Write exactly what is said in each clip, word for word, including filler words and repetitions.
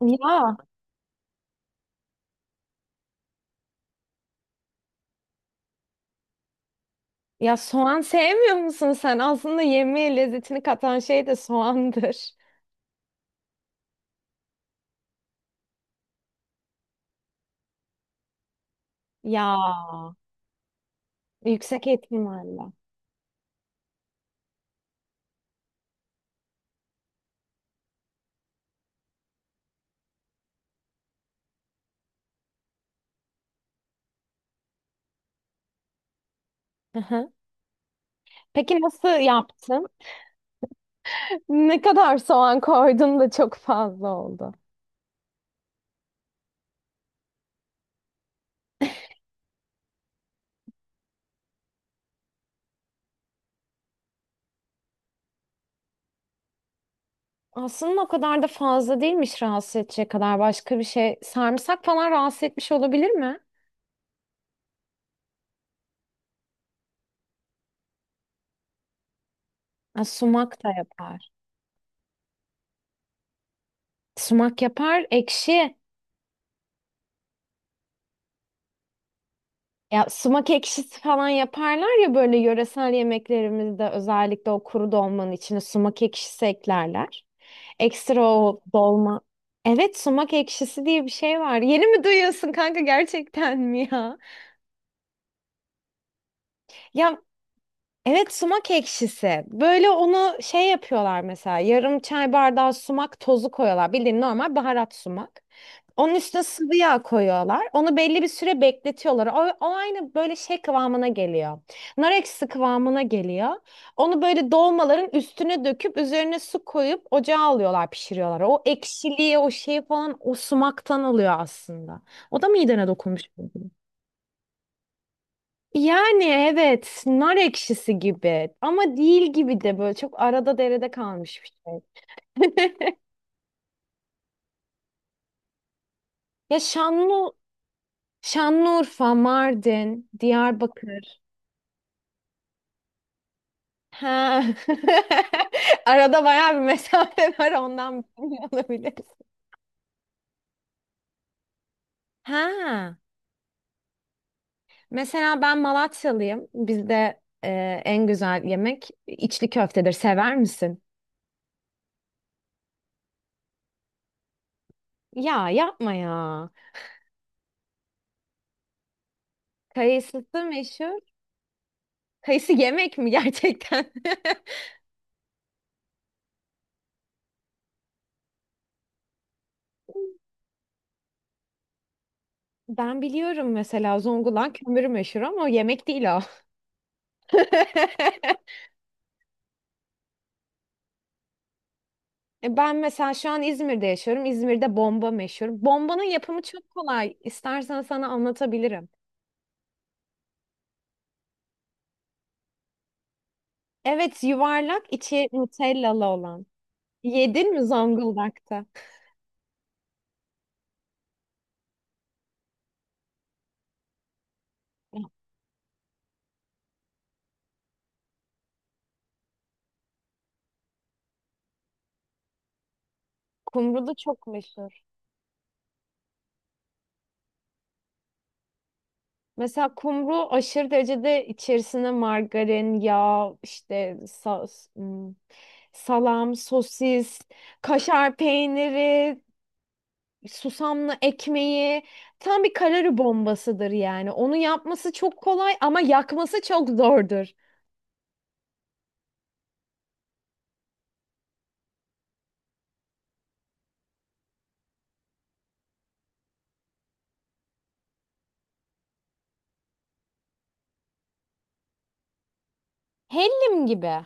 Ya, ya soğan sevmiyor musun sen? Aslında yemeğe lezzetini katan şey de soğandır. Ya, yüksek ihtimalle. Hı hı. Peki nasıl yaptın? Ne kadar soğan koydun da çok fazla oldu? Aslında o kadar da fazla değilmiş rahatsız edecek kadar başka bir şey. Sarımsak falan rahatsız etmiş olabilir mi? Ha, sumak da yapar. Sumak yapar, ekşi. Ya sumak ekşisi falan yaparlar ya böyle yöresel yemeklerimizde özellikle o kuru dolmanın içine sumak ekşisi eklerler. Ekstra o dolma. Evet sumak ekşisi diye bir şey var. Yeni mi duyuyorsun kanka gerçekten mi ya? Ya evet sumak ekşisi. Böyle onu şey yapıyorlar mesela yarım çay bardağı sumak tozu koyuyorlar. Bildiğin normal baharat sumak. Onun üstüne sıvı yağ koyuyorlar. Onu belli bir süre bekletiyorlar. O, o aynı böyle şey kıvamına geliyor. Nar ekşisi kıvamına geliyor. Onu böyle dolmaların üstüne döküp üzerine su koyup ocağa alıyorlar pişiriyorlar. O ekşiliği o şeyi falan o sumaktan alıyor aslında. O da midene dokunmuş. Yani evet nar ekşisi gibi ama değil gibi de böyle çok arada derede kalmış bir şey. Ya Şanlı Şanlıurfa, Mardin, Diyarbakır. Ha. Arada bayağı bir mesafe var ondan bilmiyor olabiliriz. Ha. Mesela ben Malatyalıyım. Bizde e, en güzel yemek içli köftedir. Sever misin? Ya yapma ya. Kayısısı meşhur. Kayısı yemek mi gerçekten? Ben biliyorum mesela Zonguldak kömürü meşhur ama yemek değil o. E, Ben mesela şu an İzmir'de yaşıyorum. İzmir'de bomba meşhur. Bombanın yapımı çok kolay. İstersen sana anlatabilirim. Evet, yuvarlak içi nutellalı olan. Yedin mi Zonguldak'ta? Ya, Kumru da çok meşhur. Mesela kumru aşırı derecede içerisine margarin, yağ, işte sa- hmm, salam, sosis, kaşar peyniri, susamlı ekmeği tam bir kalori bombasıdır yani. Onu yapması çok kolay ama yakması çok zordur. Hellim gibi.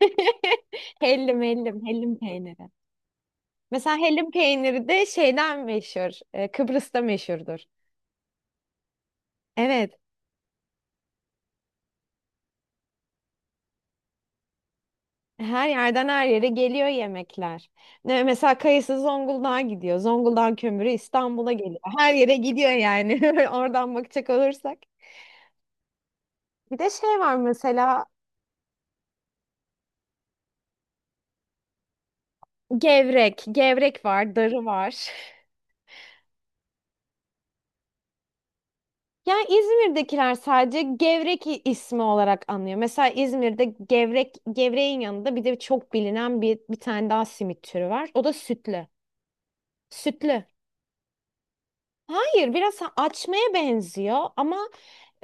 Hellim hellim hellim peyniri. Mesela hellim peyniri de şeyden meşhur. e, Kıbrıs'ta meşhurdur. Evet. Her yerden her yere geliyor yemekler. Ne- Mesela kayısı Zonguldak'a gidiyor. Zonguldak kömürü İstanbul'a geliyor. Her yere gidiyor yani. Oradan bakacak olursak. Bir de şey var mesela Gevrek, gevrek var, darı var. Yani İzmir'dekiler sadece gevrek i- ismi olarak anlıyor. Mesela İzmir'de gevrek, gevreğin yanında bir de çok bilinen bir, bir tane daha simit türü var. O da sütlü. Sütlü. Hayır, biraz ha- açmaya benziyor ama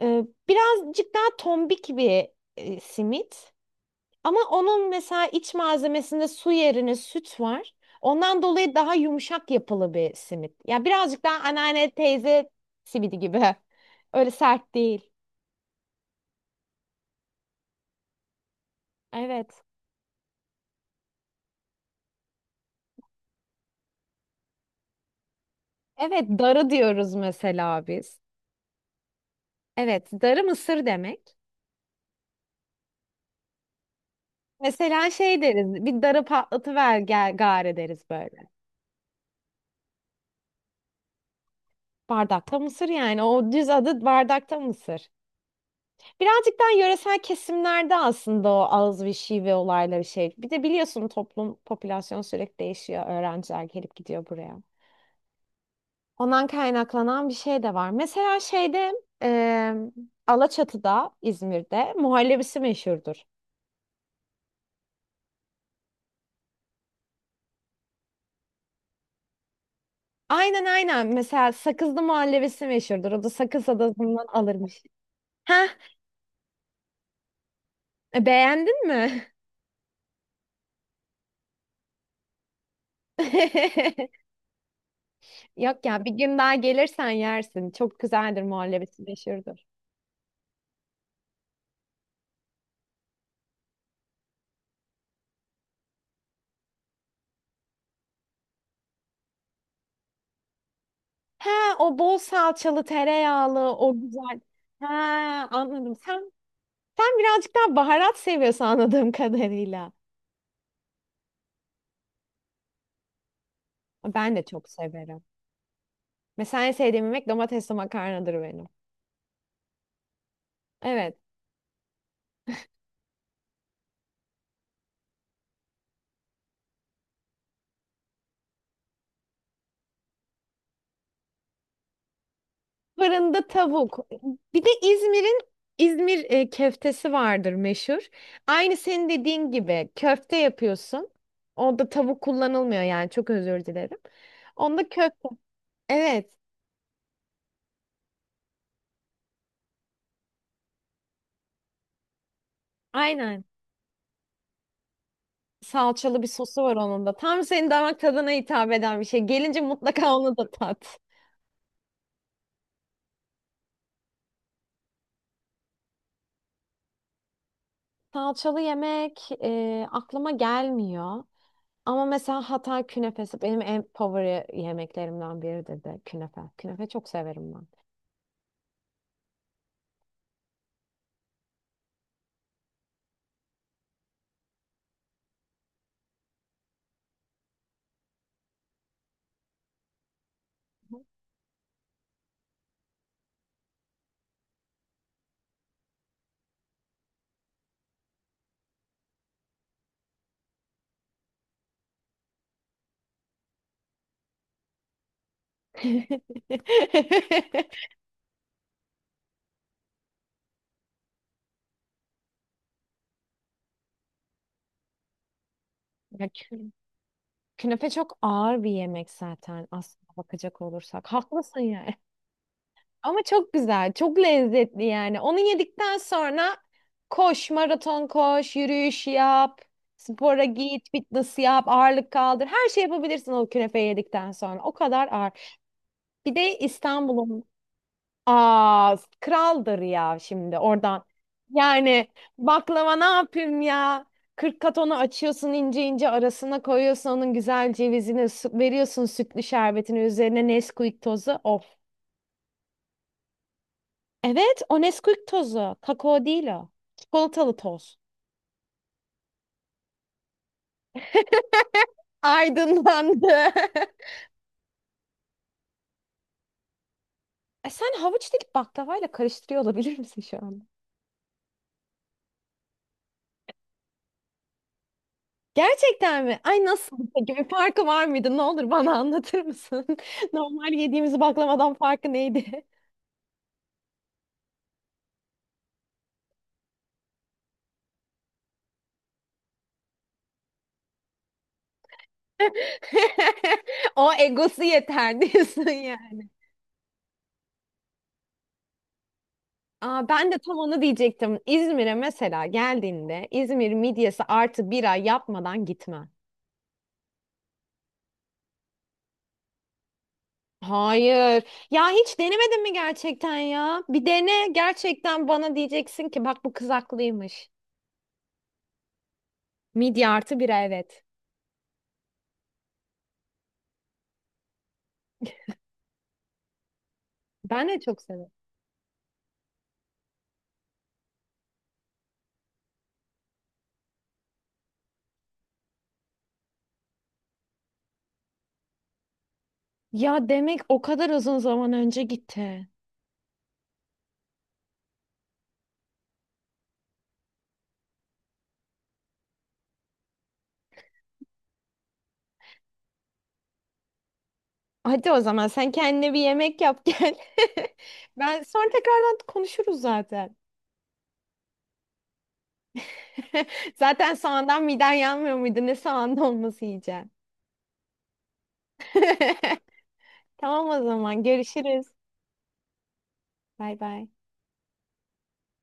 e, birazcık daha tombik bir e, simit. Ama onun mesela iç malzemesinde su yerine süt var. Ondan dolayı daha yumuşak yapılı bir simit. Ya birazcık daha anneanne teyze simidi gibi. Öyle sert değil. Evet. Evet, darı diyoruz mesela biz. Evet, darı mısır demek. Mesela şey deriz, bir darı patlatıver gel gari deriz böyle. Bardakta mısır yani. O düz adı bardakta mısır. Birazcık daha yöresel kesimlerde aslında o ağız ve şive olayları şey. Bir de biliyorsun toplum, popülasyon sürekli değişiyor. Öğrenciler gelip gidiyor buraya. Ondan kaynaklanan bir şey de var. Mesela şeyde eee Alaçatı'da, İzmir'de muhallebisi meşhurdur. Aynen aynen. Mesela Sakızlı muhallebisi meşhurdur. O da Sakız Adası'ndan alırmış. Heh, beğendin mi? Yok ya bir gün daha gelirsen yersin. Çok güzeldir muhallebisi meşhurdur. He o bol salçalı tereyağlı o güzel. He anladım. Sen sen birazcık daha baharat seviyorsun anladığım kadarıyla. Ben de çok severim. Mesela en sevdiğim yemek domatesli makarnadır benim. Evet. Fırında tavuk. Bir de İzmir'in İzmir e, köftesi vardır meşhur. Aynı senin dediğin gibi köfte yapıyorsun. Orada tavuk kullanılmıyor yani çok özür dilerim. Onda köfte. Evet. Aynen. Salçalı bir sosu var onun da. Tam senin damak tadına hitap eden bir şey. Gelince mutlaka onu da tat. Salçalı yemek e, aklıma gelmiyor. Ama mesela Hatay künefesi benim en favori yemeklerimden biridir de künefe. Künefe çok severim ben. Ya kü- Künefe çok ağır bir yemek zaten aslında bakacak olursak. Haklısın ya. Ama çok güzel, çok lezzetli yani. Onu yedikten sonra koş, maraton koş, yürüyüş yap, spora git, fitness yap, ağırlık kaldır. Her şey yapabilirsin o künefeyi yedikten sonra. O kadar ağır. Bir de İstanbul'un aa kraldır ya şimdi oradan. Yani baklava ne yapayım ya? kırk kat onu açıyorsun ince ince arasına koyuyorsun onun güzel cevizini su- veriyorsun sütlü şerbetini üzerine Nesquik tozu. Of. Evet, o Nesquik tozu. Kakao değil o. Çikolatalı toz. Aydınlandı. E sen havuç dilip baklavayla karıştırıyor olabilir misin şu anda? Gerçekten mi? Ay nasıl peki bir farkı var mıydı? Ne olur bana anlatır mısın? Normal yediğimiz baklavadan farkı neydi? O egosu yeter diyorsun yani. Aa, ben de tam onu diyecektim. İzmir'e mesela geldiğinde İzmir midyesi artı bira yapmadan gitme. Hayır. Ya hiç denemedin mi gerçekten ya? Bir dene gerçekten bana diyeceksin ki bak bu kız haklıymış. Midye artı bira evet. Ben de çok severim. Ya demek o kadar uzun zaman önce gitti. Hadi o zaman sen kendine bir yemek yap gel. Ben sonra tekrardan konuşuruz zaten. Zaten soğandan miden yanmıyor muydu? Ne soğanlı olması yiyeceğim. Tamam o zaman görüşürüz. Bay bay.